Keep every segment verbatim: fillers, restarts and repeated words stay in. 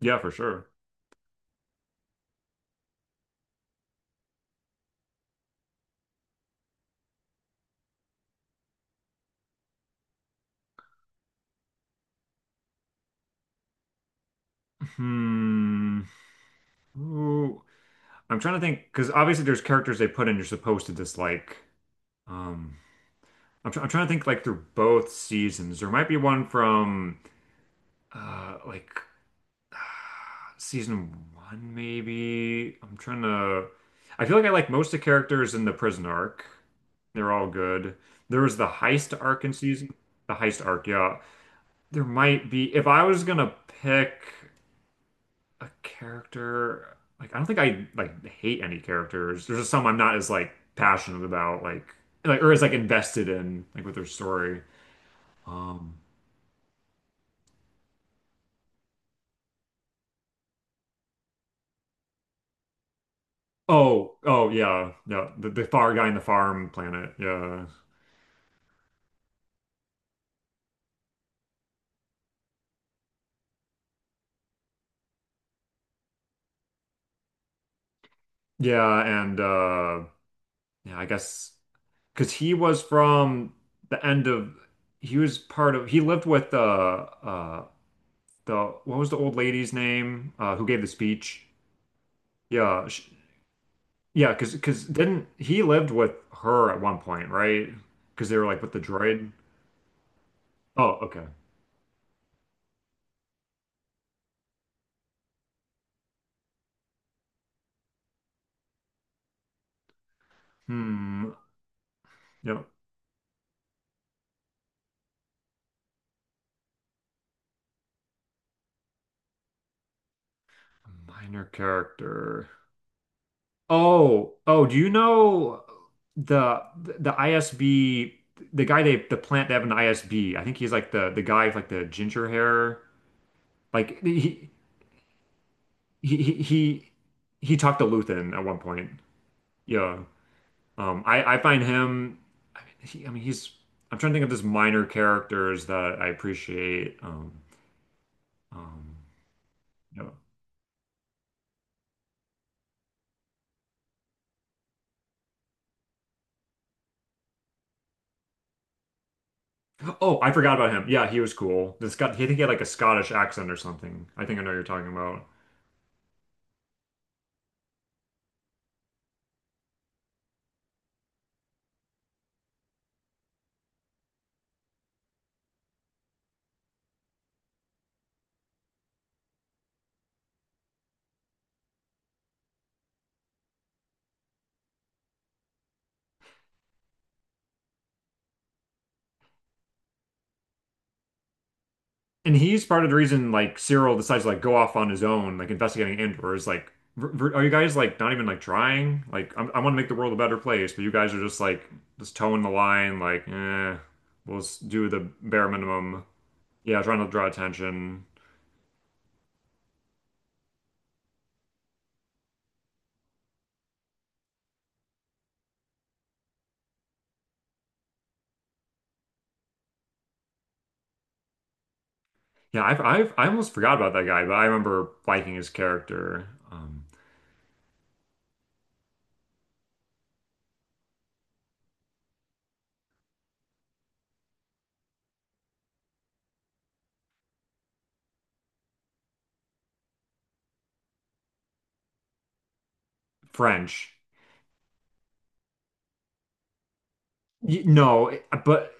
Yeah, for sure. Hmm. Ooh. I'm trying to think because obviously there's characters they put in you're supposed to dislike. Um, I'm, try I'm trying to think like through both seasons. There might be one from uh like season one maybe. I'm trying to. I feel like I like most of the characters in the prison arc. They're all good. There was the heist arc in season. The heist arc, yeah. There might be if I was gonna pick. A character, like I don't think I like hate any characters. There's just some I'm not as like passionate about like like or as like invested in like with their story. Um oh, oh, yeah, yeah, the, the far guy in the farm planet, yeah. Yeah, and uh yeah, I guess because he was from the end of he was part of he lived with the uh the what was the old lady's name, uh who gave the speech? yeah sh Yeah, because because didn't he lived with her at one point, right? Because they were like with the droid. Oh, okay. Hmm. Yep. Minor character. Oh, oh. Do you know the the I S B? The guy they the plant they have an I S B. I think he's like the the guy with like the ginger hair. Like he he he he, he talked to Luthen at one point. Yeah. Um, I I find him. I mean, he, I mean, he's. I'm trying to think of just minor characters that I appreciate. Um, um, no. Oh, I forgot about him. Yeah, he was cool. The Scot. I think he had like a Scottish accent or something. I think I know what you're talking about. And he's part of the reason like Cyril decides to like go off on his own, like investigating Andor. Is like, "V- v- are you guys like not even like trying? Like, I'm, I want to make the world a better place, but you guys are just like just toeing the line. Like, eh, we'll s- do the bare minimum." Yeah, trying to draw attention. Yeah, I've, I've I almost forgot about that guy, but I remember liking his character. Um, French. Y- no, it- but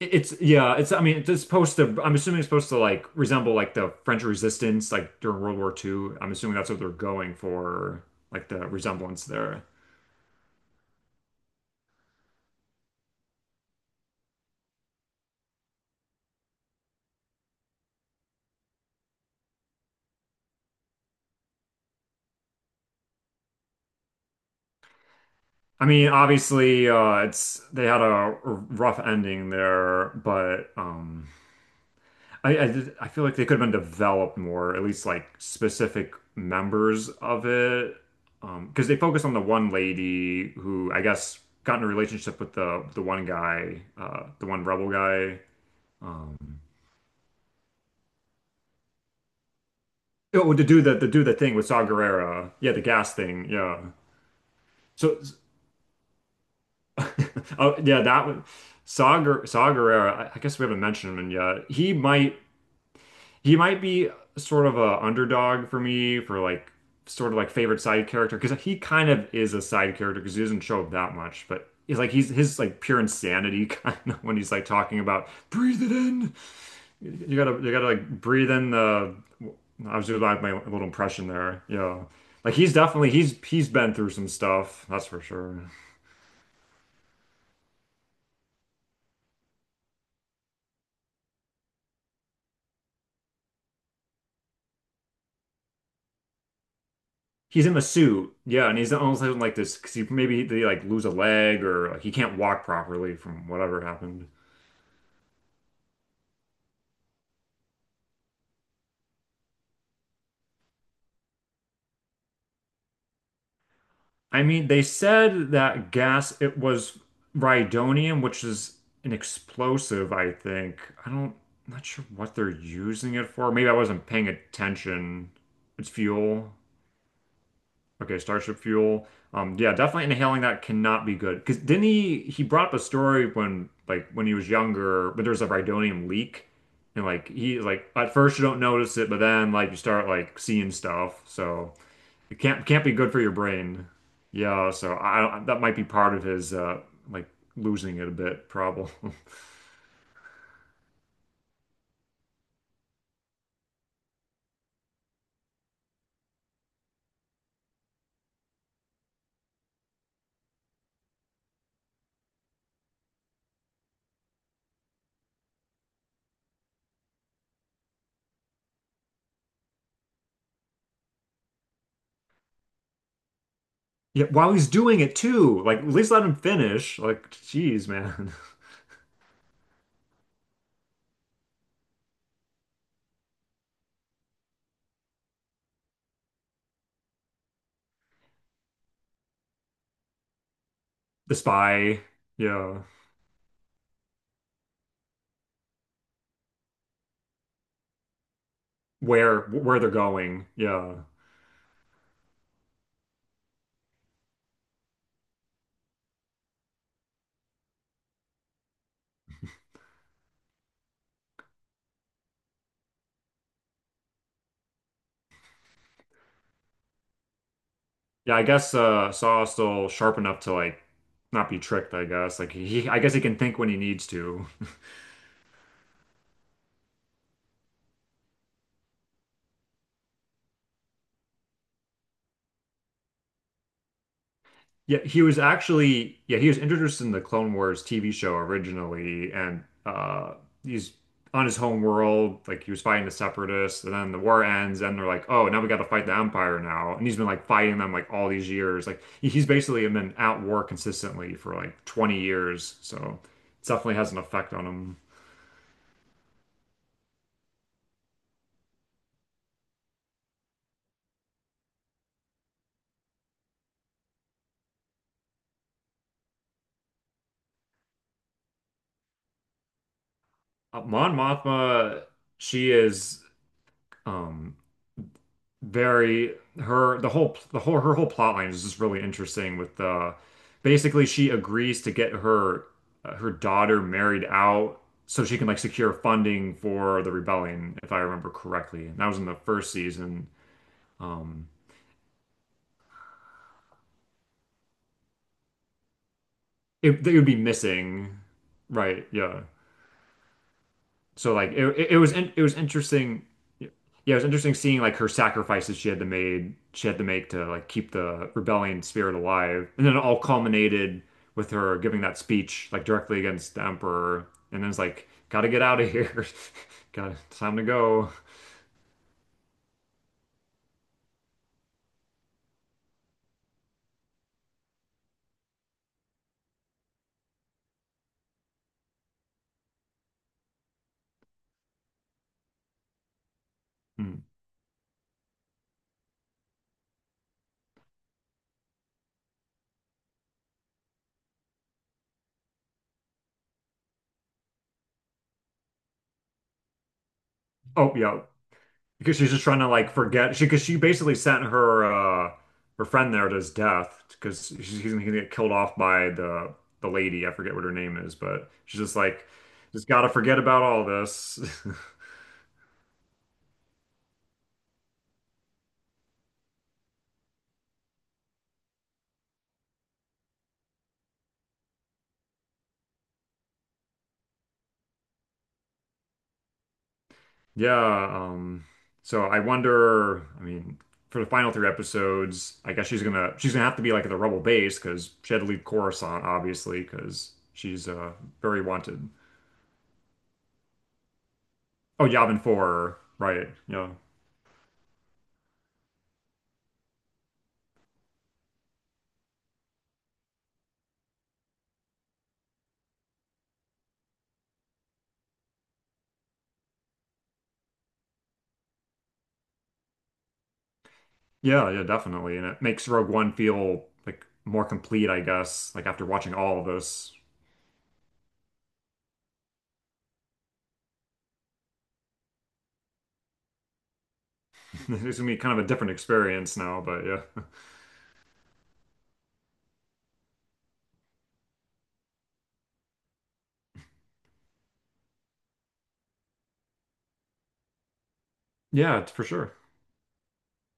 it's yeah, it's I mean it's supposed to I'm assuming it's supposed to like resemble like the French Resistance like during World War the Second. I'm assuming that's what they're going for, like the resemblance there. I mean, obviously, uh, it's they had a rough ending there, but um, I I, did, I feel like they could have been developed more, at least like specific members of it, um, because they focus on the one lady who I guess got in a relationship with the the one guy, uh, the one rebel guy. Um, oh, to do the to do the thing with Saw Gerrera, yeah, the gas thing, yeah. So, oh yeah, that one, Saw Ger- Saw Gerrera. I, I guess we haven't mentioned him yet. He might. He might be sort of a underdog for me for like sort of like favorite side character, because he kind of is a side character because he doesn't show up that much, but he's like he's his like pure insanity kind of when he's like talking about breathe it in. You gotta you gotta like breathe in the. I was doing like my little impression there. Yeah, like he's definitely he's he's been through some stuff. That's for sure. He's in a suit, yeah, and he's almost like this because he maybe they like lose a leg or like he can't walk properly from whatever happened. I mean, they said that gas, it was rhydonium, which is an explosive, I think. I don't, I'm not sure what they're using it for. Maybe I wasn't paying attention. It's fuel. Okay, Starship fuel. Um, yeah, definitely inhaling that cannot be good. Because didn't he, he brought up a story when, like, when he was younger, but there was a rhydonium leak. And, like, he, like, at first you don't notice it, but then, like, you start, like, seeing stuff. So. It can't can't be good for your brain. Yeah, so I that might be part of his uh like losing it a bit problem. Yeah, while he's doing it too, like at least let him finish. Like, geez, man, the spy. Yeah, where where they're going. Yeah, yeah. I guess uh, Saw's still sharp enough to like not be tricked. I guess like he, I guess he can think when he needs to. Yeah, he was actually yeah, he was introduced in the Clone Wars T V show originally, and uh he's on his home world, like he was fighting the Separatists, and then the war ends, and they're like, oh, now we got to fight the Empire now, and he's been like fighting them like all these years, like he- he's basically been at war consistently for like twenty years, so it definitely has an effect on him. Uh, Mon Mothma, she is. Um, very her the whole the whole her whole plot line is just really interesting with uh basically she agrees to get her uh, her daughter married out so she can like secure funding for the rebellion if I remember correctly, and that was in the first season. um it, it would be missing, right, yeah. So like it it was in, it was interesting. Yeah, it was interesting seeing like her sacrifices she had to made she had to make to like keep the rebellion spirit alive, and then it all culminated with her giving that speech like directly against the emperor, and then it's like gotta get out of here, gotta it's time to go. Hmm. Oh yeah, because she's just trying to like forget she because she basically sent her uh her friend there to his death because she's he's gonna get killed off by the the lady. I forget what her name is, but she's just like just gotta forget about all this. Yeah, um so I wonder, I mean, for the final three episodes, I guess she's gonna she's gonna have to be like at the rebel base because she had to leave Coruscant, obviously, because she's uh very wanted. Oh, Yavin four, right, yeah. Yeah, yeah, definitely. And it makes Rogue One feel like more complete, I guess, like after watching all of those. It's gonna be kind of a different experience now, but yeah. Yeah, it's for sure.